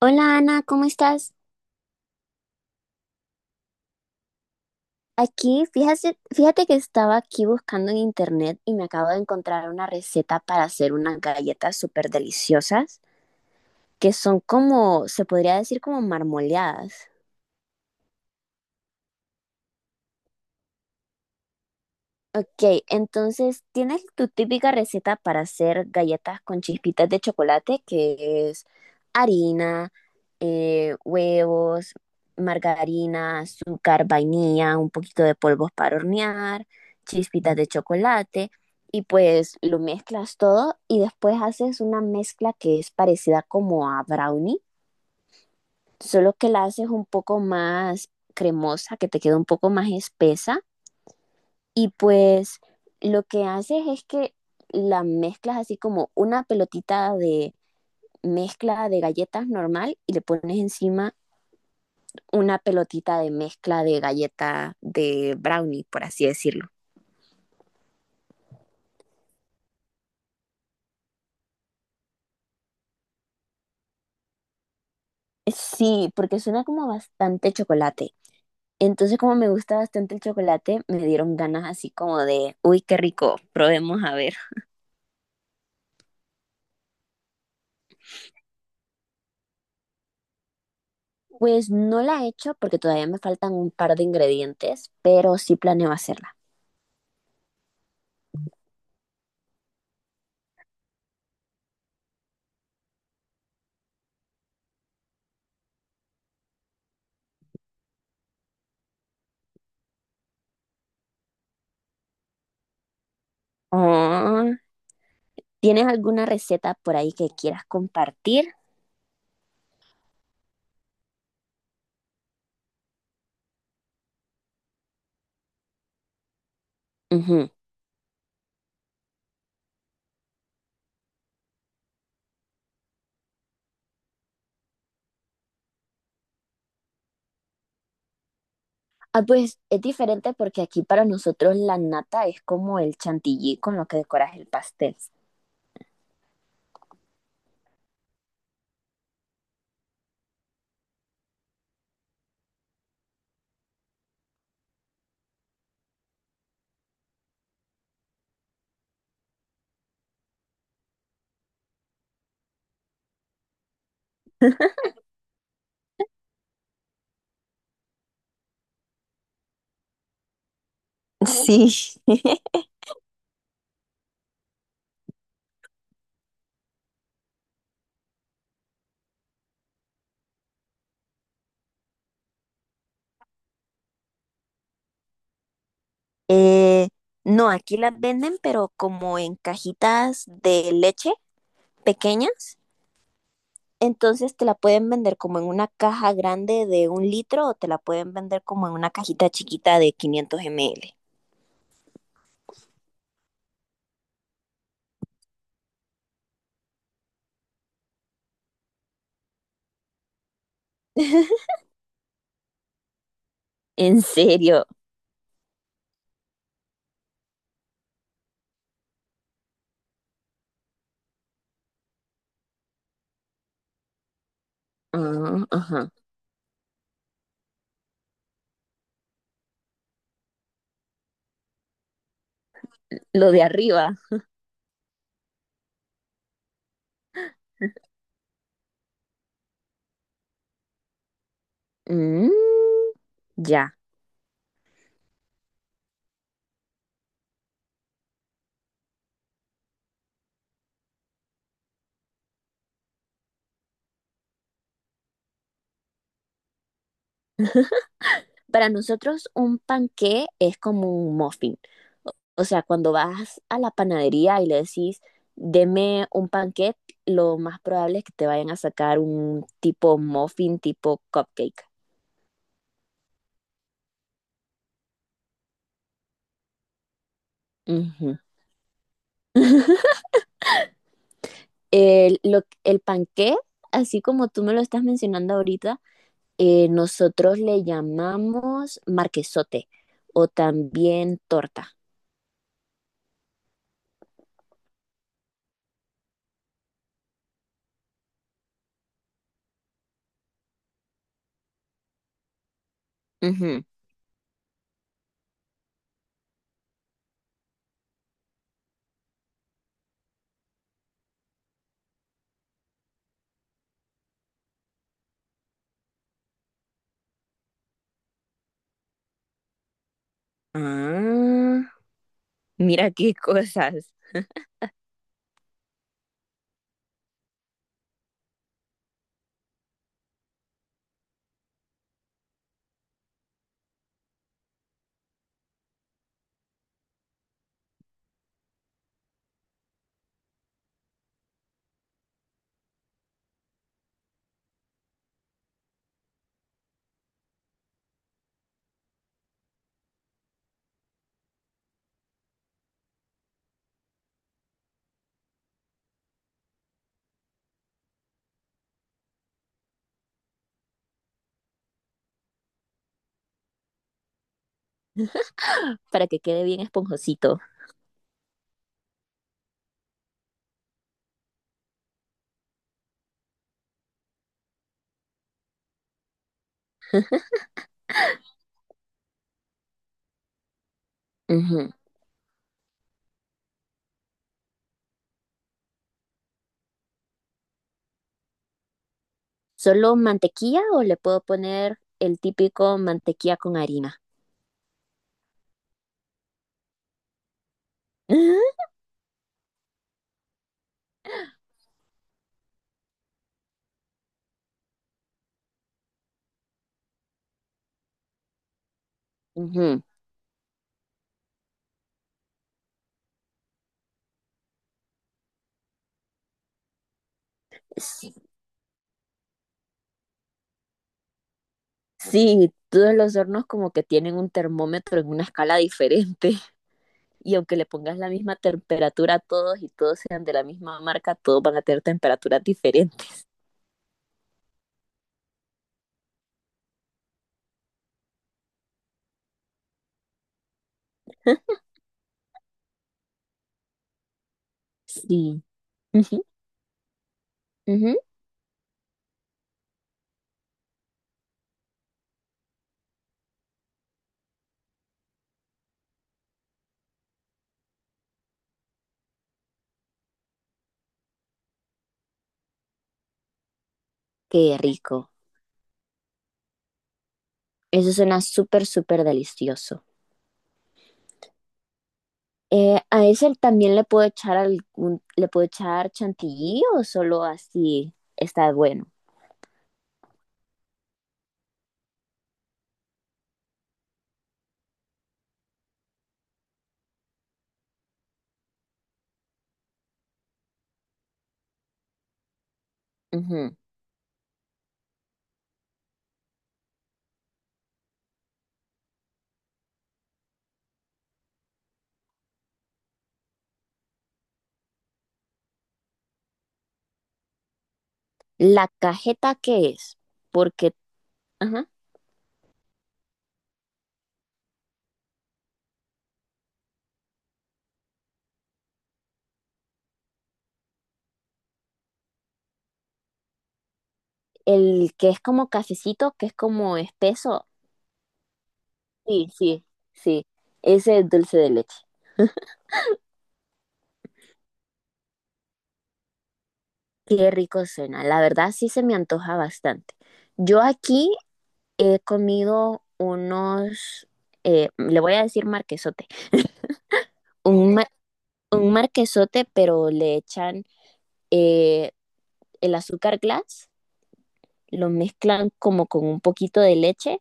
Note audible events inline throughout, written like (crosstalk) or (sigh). Hola Ana, ¿cómo estás? Aquí, fíjate que estaba aquí buscando en internet y me acabo de encontrar una receta para hacer unas galletas súper deliciosas que son como, se podría decir como marmoleadas. Ok, entonces, ¿tienes tu típica receta para hacer galletas con chispitas de chocolate, que es harina, huevos, margarina, azúcar, vainilla, un poquito de polvos para hornear, chispitas de chocolate, y pues lo mezclas todo y después haces una mezcla que es parecida como a brownie, solo que la haces un poco más cremosa, que te queda un poco más espesa y pues lo que haces es que la mezclas así como una pelotita de mezcla de galletas normal y le pones encima una pelotita de mezcla de galleta de brownie, por así decirlo. Sí, porque suena como bastante chocolate. Entonces, como me gusta bastante el chocolate, me dieron ganas así como de, uy, qué rico, probemos a ver. Pues no la he hecho porque todavía me faltan un par de ingredientes, pero sí planeo hacerla. Oh, ¿tienes alguna receta por ahí que quieras compartir? Ujú. Ah, pues es diferente porque aquí para nosotros la nata es como el chantilly con lo que decoras el pastel. Sí. (laughs) Eh, no, aquí las venden, pero como en cajitas de leche pequeñas. Entonces te la pueden vender como en una caja grande de un litro o te la pueden vender como en una cajita chiquita de 500 ml. ¿En serio? Ah, ajá. Lo de arriba. Mm, ya. Para nosotros un panqué es como un muffin. O sea, cuando vas a la panadería y le decís, deme un panqué, lo más probable es que te vayan a sacar un tipo muffin, tipo cupcake. Ujú. El panqué, así como tú me lo estás mencionando ahorita, nosotros le llamamos marquesote o también torta. Ujú. Ah, mira qué cosas. Para que quede bien esponjosito. Ujú. ¿Solo mantequilla o le puedo poner el típico mantequilla con harina? Ujú. S- Sí, todos los hornos como que tienen un termómetro en una escala diferente (laughs) y aunque le pongas la misma temperatura a todos y todos sean de la misma marca, todos van a tener temperaturas diferentes. (laughs) Sí. Ujú, ujú. Qué rico. Eso suena súper, súper delicioso. A ese también le puedo echar algún, le puedo echar chantilly o solo así está bueno. Ujú. La cajeta qué es, porque, ajá, el que es como cafecito, que es como espeso. Sí, sí, sí. Ese es dulce de leche. Qué rico suena. La verdad sí se me antoja bastante. Yo aquí he comido unos, le voy a decir marquesote, un, ma- un marquesote, pero le echan eh, el azúcar glass, lo mezclan como con un poquito de leche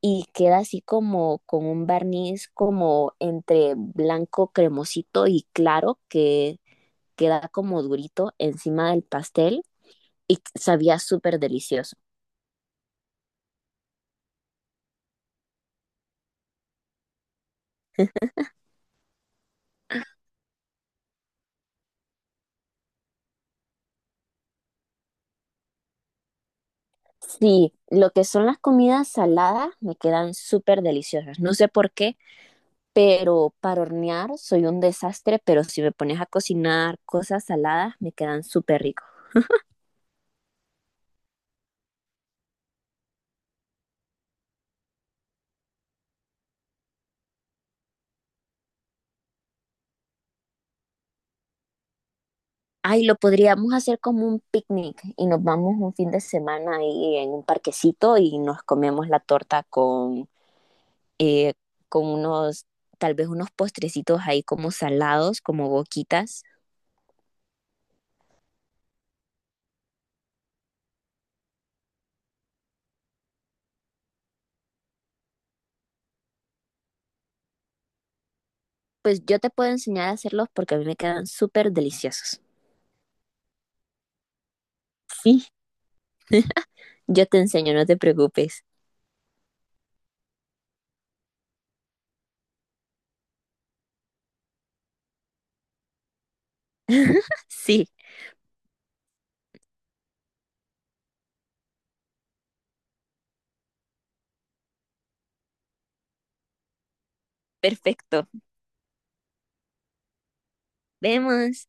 y queda así como con un barniz como entre blanco cremosito y claro que queda como durito encima del pastel y sabía súper delicioso. Sí, lo que son las comidas saladas me quedan súper deliciosas. No sé por qué, pero para hornear soy un desastre, pero si me pones a cocinar cosas saladas me quedan súper ricos. Ay, lo podríamos hacer como un picnic y nos vamos un fin de semana ahí en un parquecito y nos comemos la torta eh, con unos, tal vez unos postrecitos ahí como salados, como boquitas. Pues yo te puedo enseñar a hacerlos porque a mí me quedan súper deliciosos. Sí, yo te enseño, no te preocupes. Sí, perfecto. Vemos.